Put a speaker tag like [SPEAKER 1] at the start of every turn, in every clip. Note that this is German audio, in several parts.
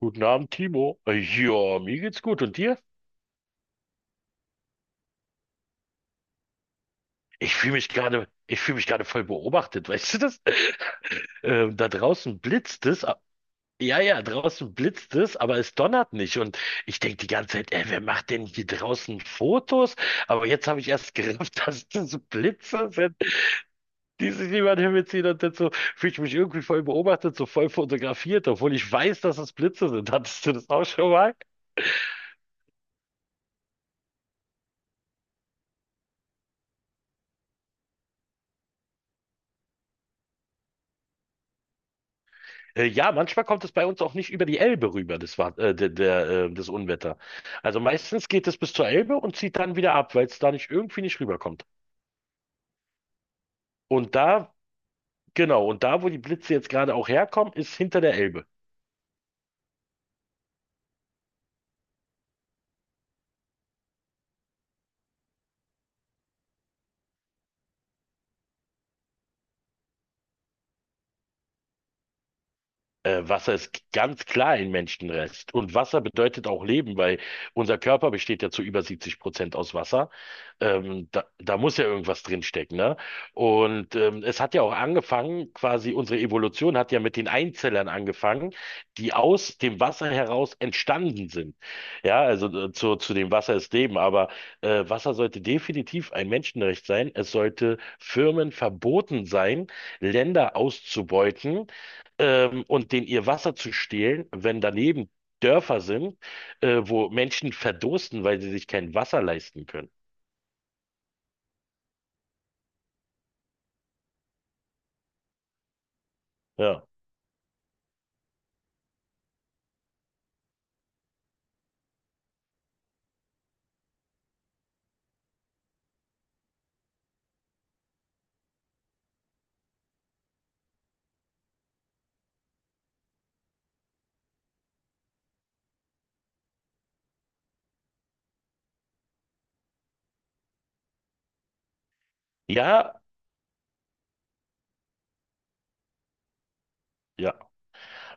[SPEAKER 1] Guten Abend, Timo. Ja, mir geht's gut. Und dir? Ich fühle mich gerade voll beobachtet, weißt du das? Da draußen blitzt es. Ja, ja, draußen blitzt es, aber es donnert nicht. Und ich denke die ganze Zeit, ey, wer macht denn hier draußen Fotos? Aber jetzt habe ich erst gerafft, dass das Blitze sind, die sich niemand hinbeziehen. Und jetzt so fühle ich mich irgendwie voll beobachtet, so voll fotografiert, obwohl ich weiß, dass es Blitze sind. Hattest du das auch schon mal? Ja, manchmal kommt es bei uns auch nicht über die Elbe rüber, das war, das Unwetter. Also meistens geht es bis zur Elbe und zieht dann wieder ab, weil es da nicht irgendwie nicht rüberkommt. Und da, genau, und da, wo die Blitze jetzt gerade auch herkommen, ist hinter der Elbe. Wasser ist ganz klar ein Menschenrest. Und Wasser bedeutet auch Leben, weil unser Körper besteht ja zu über 70% aus Wasser. Da muss ja irgendwas drinstecken, ne? Und es hat ja auch angefangen, quasi unsere Evolution hat ja mit den Einzellern angefangen, die aus dem Wasser heraus entstanden sind. Ja, also zu dem Wasser ist Leben, aber Wasser sollte definitiv ein Menschenrecht sein. Es sollte Firmen verboten sein, Länder auszubeuten, und denen ihr Wasser zu stehlen, wenn daneben Dörfer sind, wo Menschen verdursten, weil sie sich kein Wasser leisten können. Ja. Ja, ja.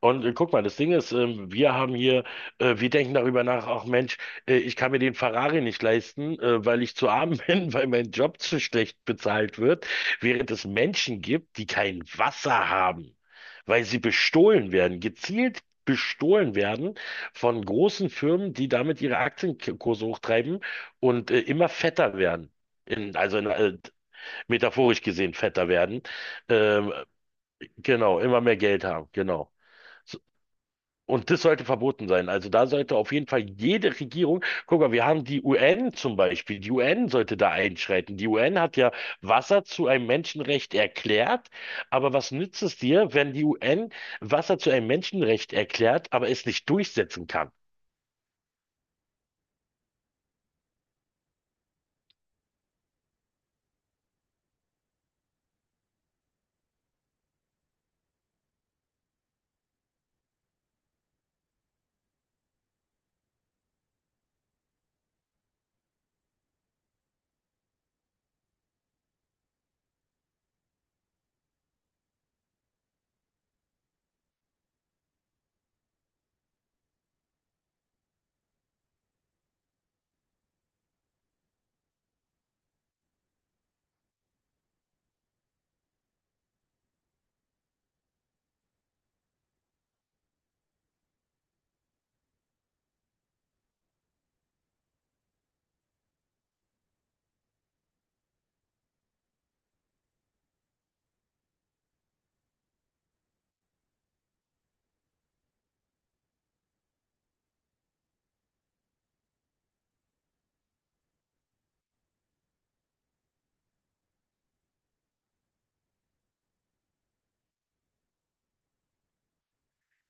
[SPEAKER 1] Und guck mal, das Ding ist, wir denken darüber nach, ach Mensch, ich kann mir den Ferrari nicht leisten, weil ich zu arm bin, weil mein Job zu schlecht bezahlt wird, während es Menschen gibt, die kein Wasser haben, weil sie bestohlen werden, gezielt bestohlen werden von großen Firmen, die damit ihre Aktienkurse hochtreiben und immer fetter werden. Also in, metaphorisch gesehen fetter werden. Ähm, genau, immer mehr Geld haben, genau. So- Und das sollte verboten sein. Also da sollte auf jeden Fall jede Regierung, guck mal, wir haben die UN zum Beispiel, die UN sollte da einschreiten. Die UN hat ja Wasser zu einem Menschenrecht erklärt, aber was nützt es dir, wenn die UN Wasser zu einem Menschenrecht erklärt, aber es nicht durchsetzen kann?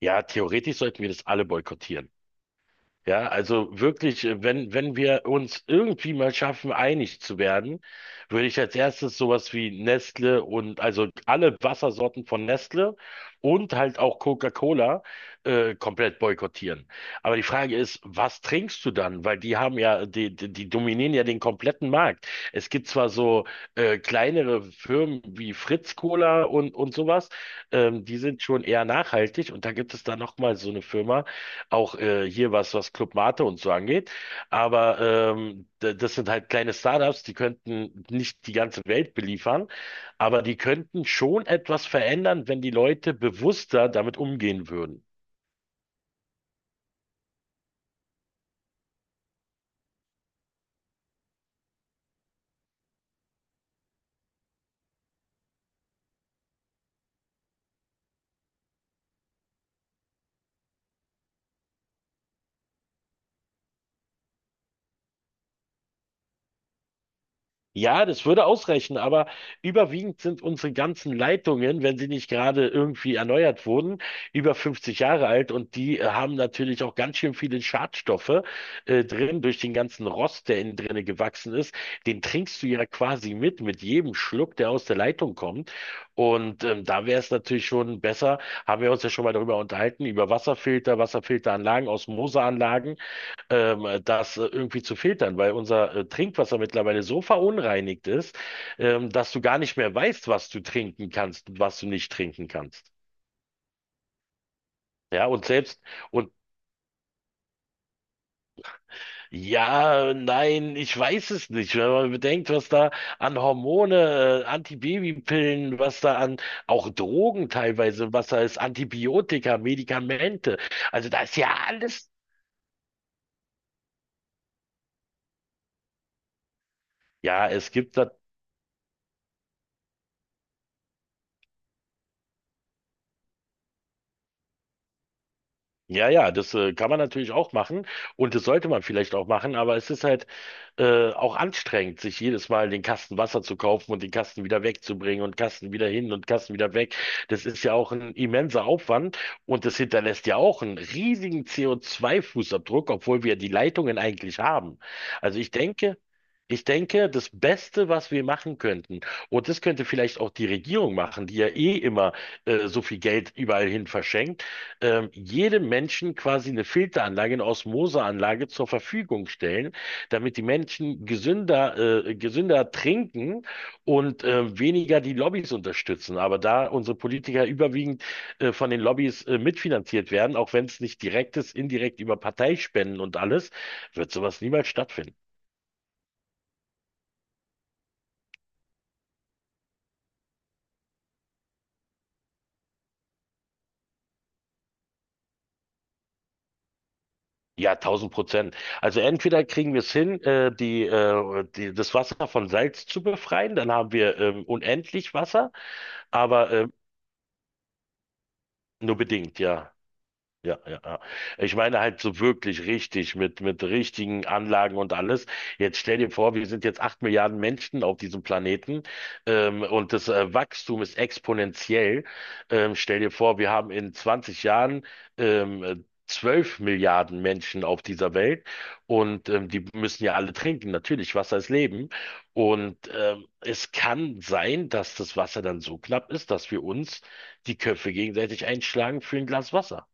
[SPEAKER 1] Ja, theoretisch sollten wir das alle boykottieren. Ja, also wirklich, wenn wir uns irgendwie mal schaffen, einig zu werden, würde ich als erstes sowas wie Nestle und also alle Wassersorten von Nestle und halt auch Coca-Cola komplett boykottieren. Aber die Frage ist, was trinkst du dann? Weil die haben ja, die dominieren ja den kompletten Markt. Es gibt zwar so kleinere Firmen wie Fritz Cola und sowas, die sind schon eher nachhaltig, und da gibt es dann nochmal so eine Firma auch hier, was Club Mate und so angeht. Aber das sind halt kleine Startups, die könnten nicht die ganze Welt beliefern, aber die könnten schon etwas verändern, wenn die Leute bewusster damit umgehen würden. Ja, das würde ausreichen, aber überwiegend sind unsere ganzen Leitungen, wenn sie nicht gerade irgendwie erneuert wurden, über 50 Jahre alt und die haben natürlich auch ganz schön viele Schadstoffe drin, durch den ganzen Rost, der innen drinne gewachsen ist. Den trinkst du ja quasi mit jedem Schluck, der aus der Leitung kommt. Und da wäre es natürlich schon besser, haben wir uns ja schon mal darüber unterhalten, über Wasserfilter, Wasserfilteranlagen, Osmoseanlagen, das irgendwie zu filtern, weil unser Trinkwasser mittlerweile so verunreinigt ist, dass du gar nicht mehr weißt, was du trinken kannst und was du nicht trinken kannst. Ja, und selbst, und ja, nein, ich weiß es nicht. Wenn man bedenkt, was da an Hormone, Antibabypillen, was da an auch Drogen teilweise, was da ist, Antibiotika, Medikamente. Also da ist ja alles. Ja, es gibt da Ja, ja, das kann man natürlich auch machen, und das sollte man vielleicht auch machen, aber es ist halt auch anstrengend, sich jedes Mal den Kasten Wasser zu kaufen und den Kasten wieder wegzubringen und Kasten wieder hin und Kasten wieder weg. Das ist ja auch ein immenser Aufwand, und das hinterlässt ja auch einen riesigen CO2-Fußabdruck, obwohl wir die Leitungen eigentlich haben. Also ich denke, das Beste, was wir machen könnten, und das könnte vielleicht auch die Regierung machen, die ja eh immer so viel Geld überall hin verschenkt, jedem Menschen quasi eine Filteranlage, eine Osmoseanlage zur Verfügung stellen, damit die Menschen gesünder trinken und weniger die Lobbys unterstützen. Aber da unsere Politiker überwiegend von den Lobbys mitfinanziert werden, auch wenn es nicht direkt ist, indirekt über Parteispenden und alles, wird sowas niemals stattfinden. Ja, 1000%. Also entweder kriegen wir es hin, das Wasser von Salz zu befreien, dann haben wir unendlich Wasser. Aber nur bedingt, ja. Ja, ja, ja. Ich meine halt so wirklich richtig mit richtigen Anlagen und alles. Jetzt stell dir vor, wir sind jetzt 8 Milliarden Menschen auf diesem Planeten, und das Wachstum ist exponentiell. Stell dir vor, wir haben in 20 Jahren 12 Milliarden Menschen auf dieser Welt, und die müssen ja alle trinken. Natürlich, Wasser ist Leben. Und es kann sein, dass das Wasser dann so knapp ist, dass wir uns die Köpfe gegenseitig einschlagen für ein Glas Wasser.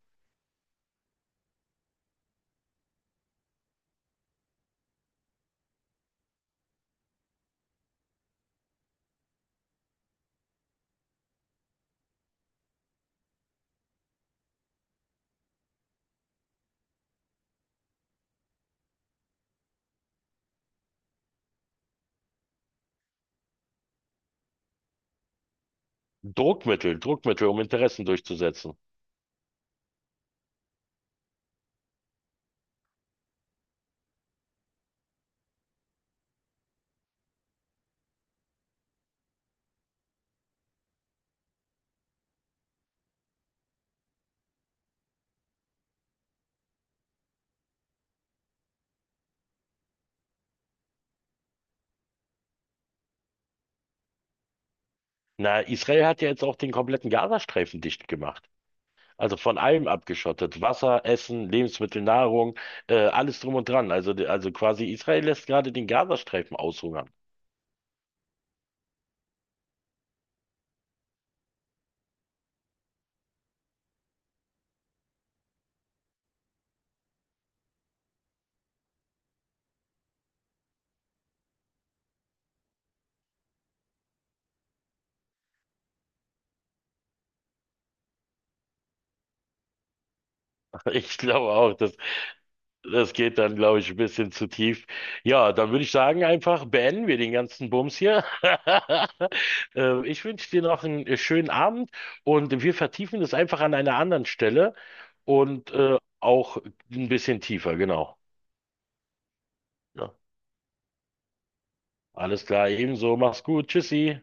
[SPEAKER 1] Druckmittel, Druckmittel, um Interessen durchzusetzen. Na, Israel hat ja jetzt auch den kompletten Gazastreifen dicht gemacht. Also von allem abgeschottet. Wasser, Essen, Lebensmittel, Nahrung, alles drum und dran. Also quasi, Israel lässt gerade den Gazastreifen aushungern. Ich glaube auch, das geht dann, glaube ich, ein bisschen zu tief. Ja, dann würde ich sagen, einfach beenden wir den ganzen Bums hier. Ich wünsche dir noch einen schönen Abend, und wir vertiefen das einfach an einer anderen Stelle und auch ein bisschen tiefer, genau. Ja. Alles klar, ebenso. Mach's gut. Tschüssi.